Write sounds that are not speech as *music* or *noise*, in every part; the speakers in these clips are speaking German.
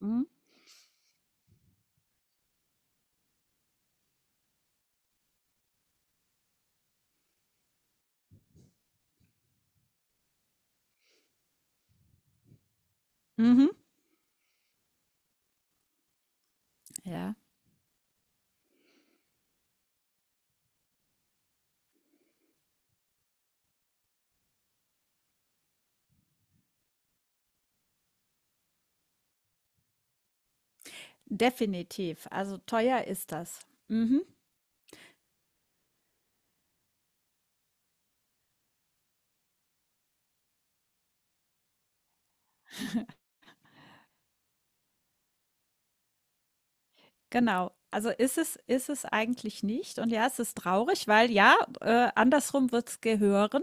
Mhm. Mhm. Ja, definitiv. Also teuer ist das. Mhm. Genau. Also ist es eigentlich nicht. Und ja, es ist traurig, weil ja, andersrum wird es gehören.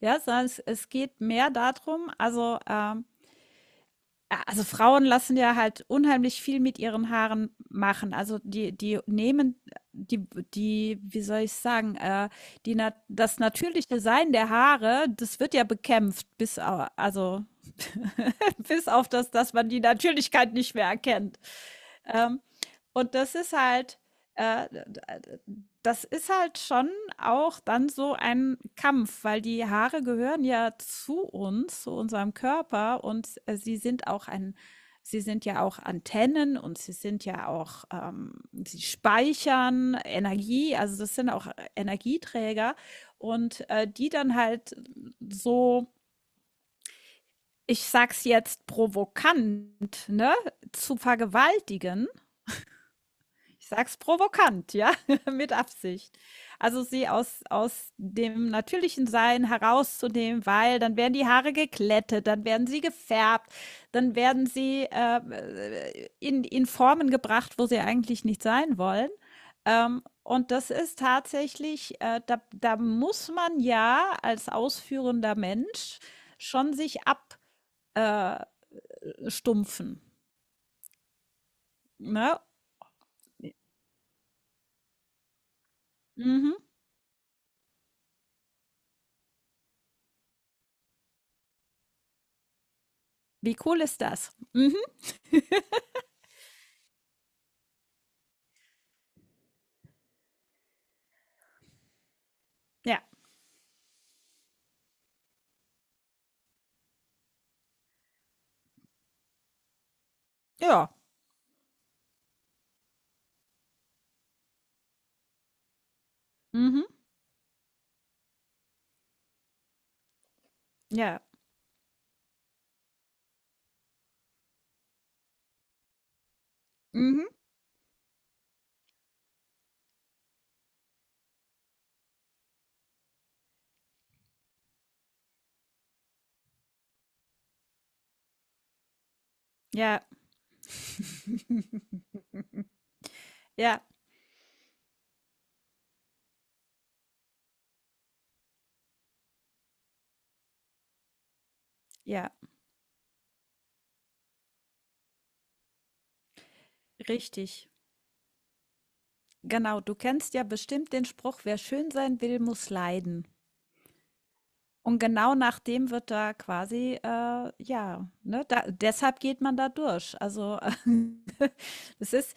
Ja, sondern es geht mehr darum, also A also, Frauen lassen ja halt unheimlich viel mit ihren Haaren machen. Also, die nehmen die die wie soll ich sagen, die nat das natürliche Sein der Haare, das wird ja bekämpft bis au also *laughs* bis auf das, dass man die Natürlichkeit nicht mehr erkennt. Ähm, und das ist halt äh, das ist halt schon auch dann so ein Kampf, weil die Haare gehören ja zu uns, zu unserem Körper und, sie sind ja auch Antennen und sie speichern Energie, also das sind auch Energieträger und, die dann halt so, ich sag's jetzt provokant, ne, zu vergewaltigen, ich sag's provokant, ja, *laughs* mit Absicht. Also sie aus dem natürlichen Sein herauszunehmen, weil dann werden die Haare geglättet, dann werden sie gefärbt, dann werden sie in Formen gebracht, wo sie eigentlich nicht sein wollen. Und das ist tatsächlich, da muss man ja als ausführender Mensch schon sich abstumpfen. Ne? Mhm. Wie cool ist das? Mhm. Ja. Ja. Mhm. Ja. Mhm. Ja. Ja. Ja. Richtig. Genau. Du kennst ja bestimmt den Spruch, wer schön sein will, muss leiden. Und genau nach dem wird da quasi, ja, ne, da deshalb geht man da durch. Also, *laughs* das ist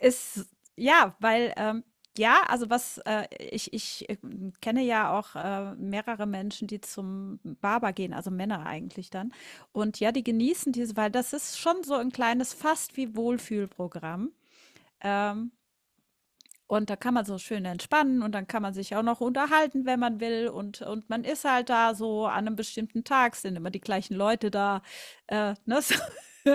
ist ja, weil, ja, also was, ich, kenne ja auch, mehrere Menschen, die zum Barber gehen, also Männer eigentlich dann. Und ja, die genießen diese weil das ist schon so ein kleines fast wie Wohlfühlprogramm. Ähm und da kann man so schön entspannen und dann kann man sich auch noch unterhalten, wenn man will. Und man ist halt da so an einem bestimmten Tag, sind immer die gleichen Leute da, ne? *laughs* So.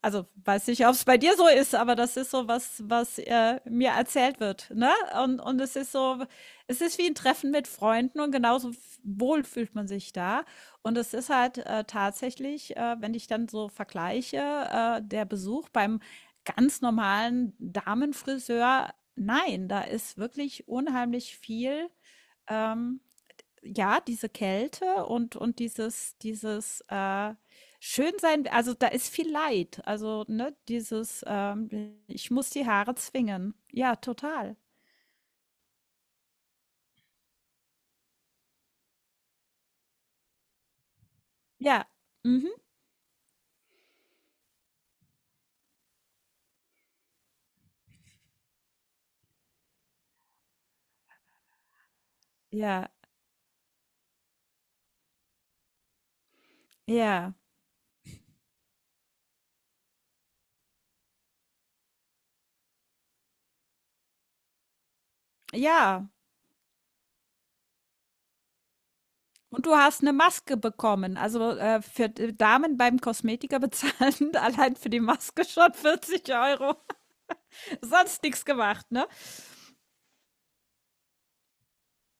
Also, weiß nicht, ob es bei dir so ist, aber das ist so was, was, mir erzählt wird, ne? Und es ist wie ein Treffen mit Freunden und genauso wohl fühlt man sich da. Und es ist halt, tatsächlich, wenn ich dann so vergleiche, der Besuch beim ganz normalen Damenfriseur, nein, da ist wirklich unheimlich viel, ähm, ja, diese Kälte und, dieses Schönsein, also da ist viel Leid. Also, ne, dieses, ich muss die Haare zwingen. Ja, total. Ja, mhm. Ja, ja, ja. Und du hast eine Maske bekommen. Also für Damen beim Kosmetiker bezahlen *laughs* allein für die Maske schon 40 Euro. Sonst nichts gemacht, ne?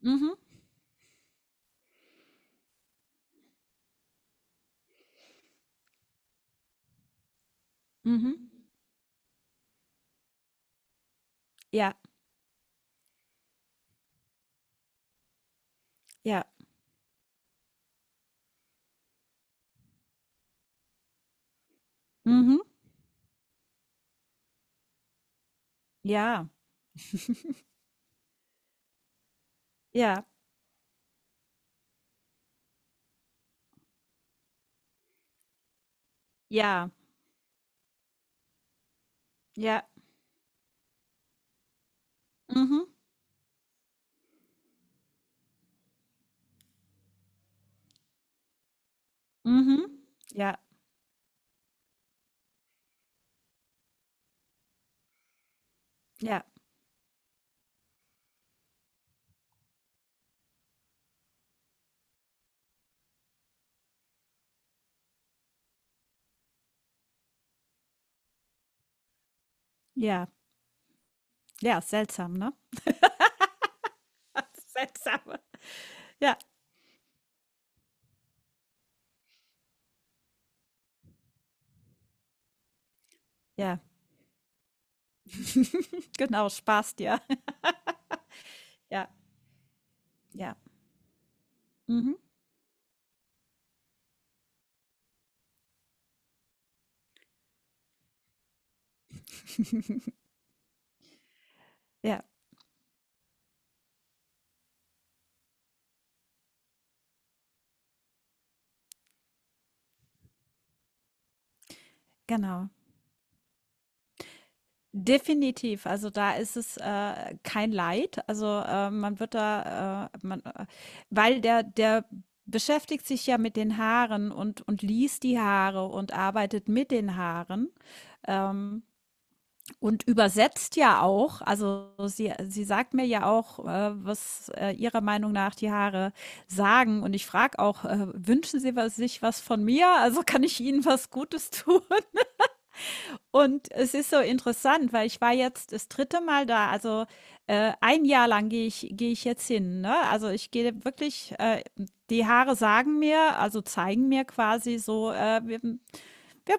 Mhm, mhm. Ja, ja. Mhm. Ja, ja, ja, ja. Mhm, mhm. Ja, ja, ja. Ja, seltsam, ne? Seltsam. Ja, ja. *laughs* Genau, Spaß dir. Ja, ja. Mhm. Ja, genau. Definitiv. Also, da ist es, kein Leid. Also, man wird da, man weil der beschäftigt sich ja mit den Haaren und liest die Haare und arbeitet mit den Haaren, ähm, und übersetzt ja auch. Also, sie sagt mir ja auch, was, ihrer Meinung nach die Haare sagen. Und ich frage auch, „Wünschen Sie was sich was von mir? Also, kann ich Ihnen was Gutes tun?“ Und es ist so interessant, weil ich war jetzt das dritte Mal da. Also ein Jahr lang gehe ich jetzt hin. Ne? Also ich gehe wirklich, die Haare sagen mir, also zeigen mir quasi so, wir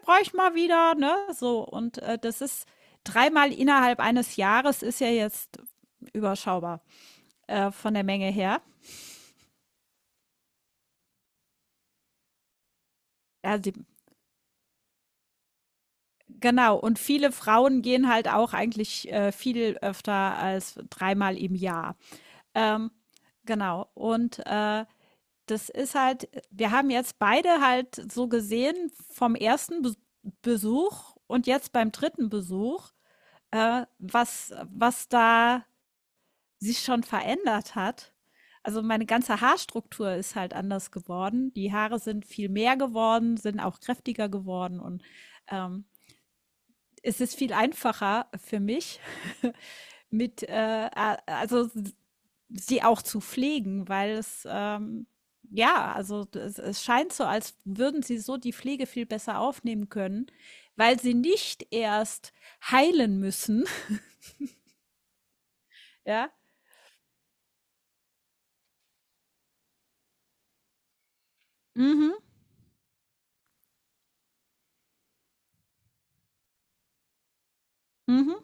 bräuchten mal wieder, ne? So. Und das ist dreimal innerhalb eines Jahres ist ja jetzt überschaubar von der Menge her. Ja, die, genau. Und viele Frauen gehen halt auch eigentlich viel öfter als dreimal im Jahr. Ähm, genau. Und, das ist halt wir haben jetzt beide halt so gesehen vom ersten Besuch und jetzt beim dritten Besuch, was da sich schon verändert hat. Also, meine ganze Haarstruktur ist halt anders geworden. Die Haare sind viel mehr geworden, sind auch kräftiger geworden und, ähm, es ist viel einfacher für mich *laughs* mit, a also sie auch zu pflegen, weil es ja, also es scheint so, als würden sie so die Pflege viel besser aufnehmen können, weil sie nicht erst heilen müssen. *laughs* Ja. Mhm. Mhm.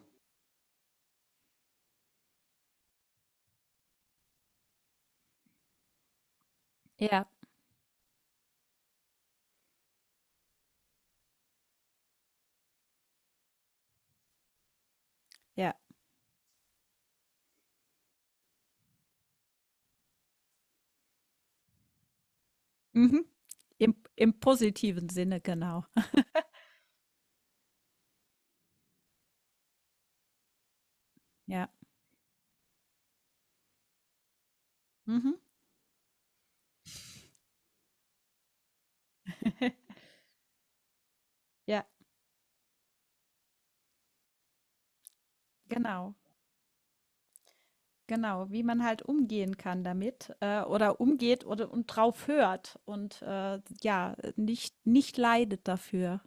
Ja. Ja. Mhm. Im positiven Sinne, genau. *laughs* Ja. Mhm. *laughs* Ja, genau. Genau, wie man halt umgehen kann damit oder umgeht oder und drauf hört und ja, nicht leidet dafür.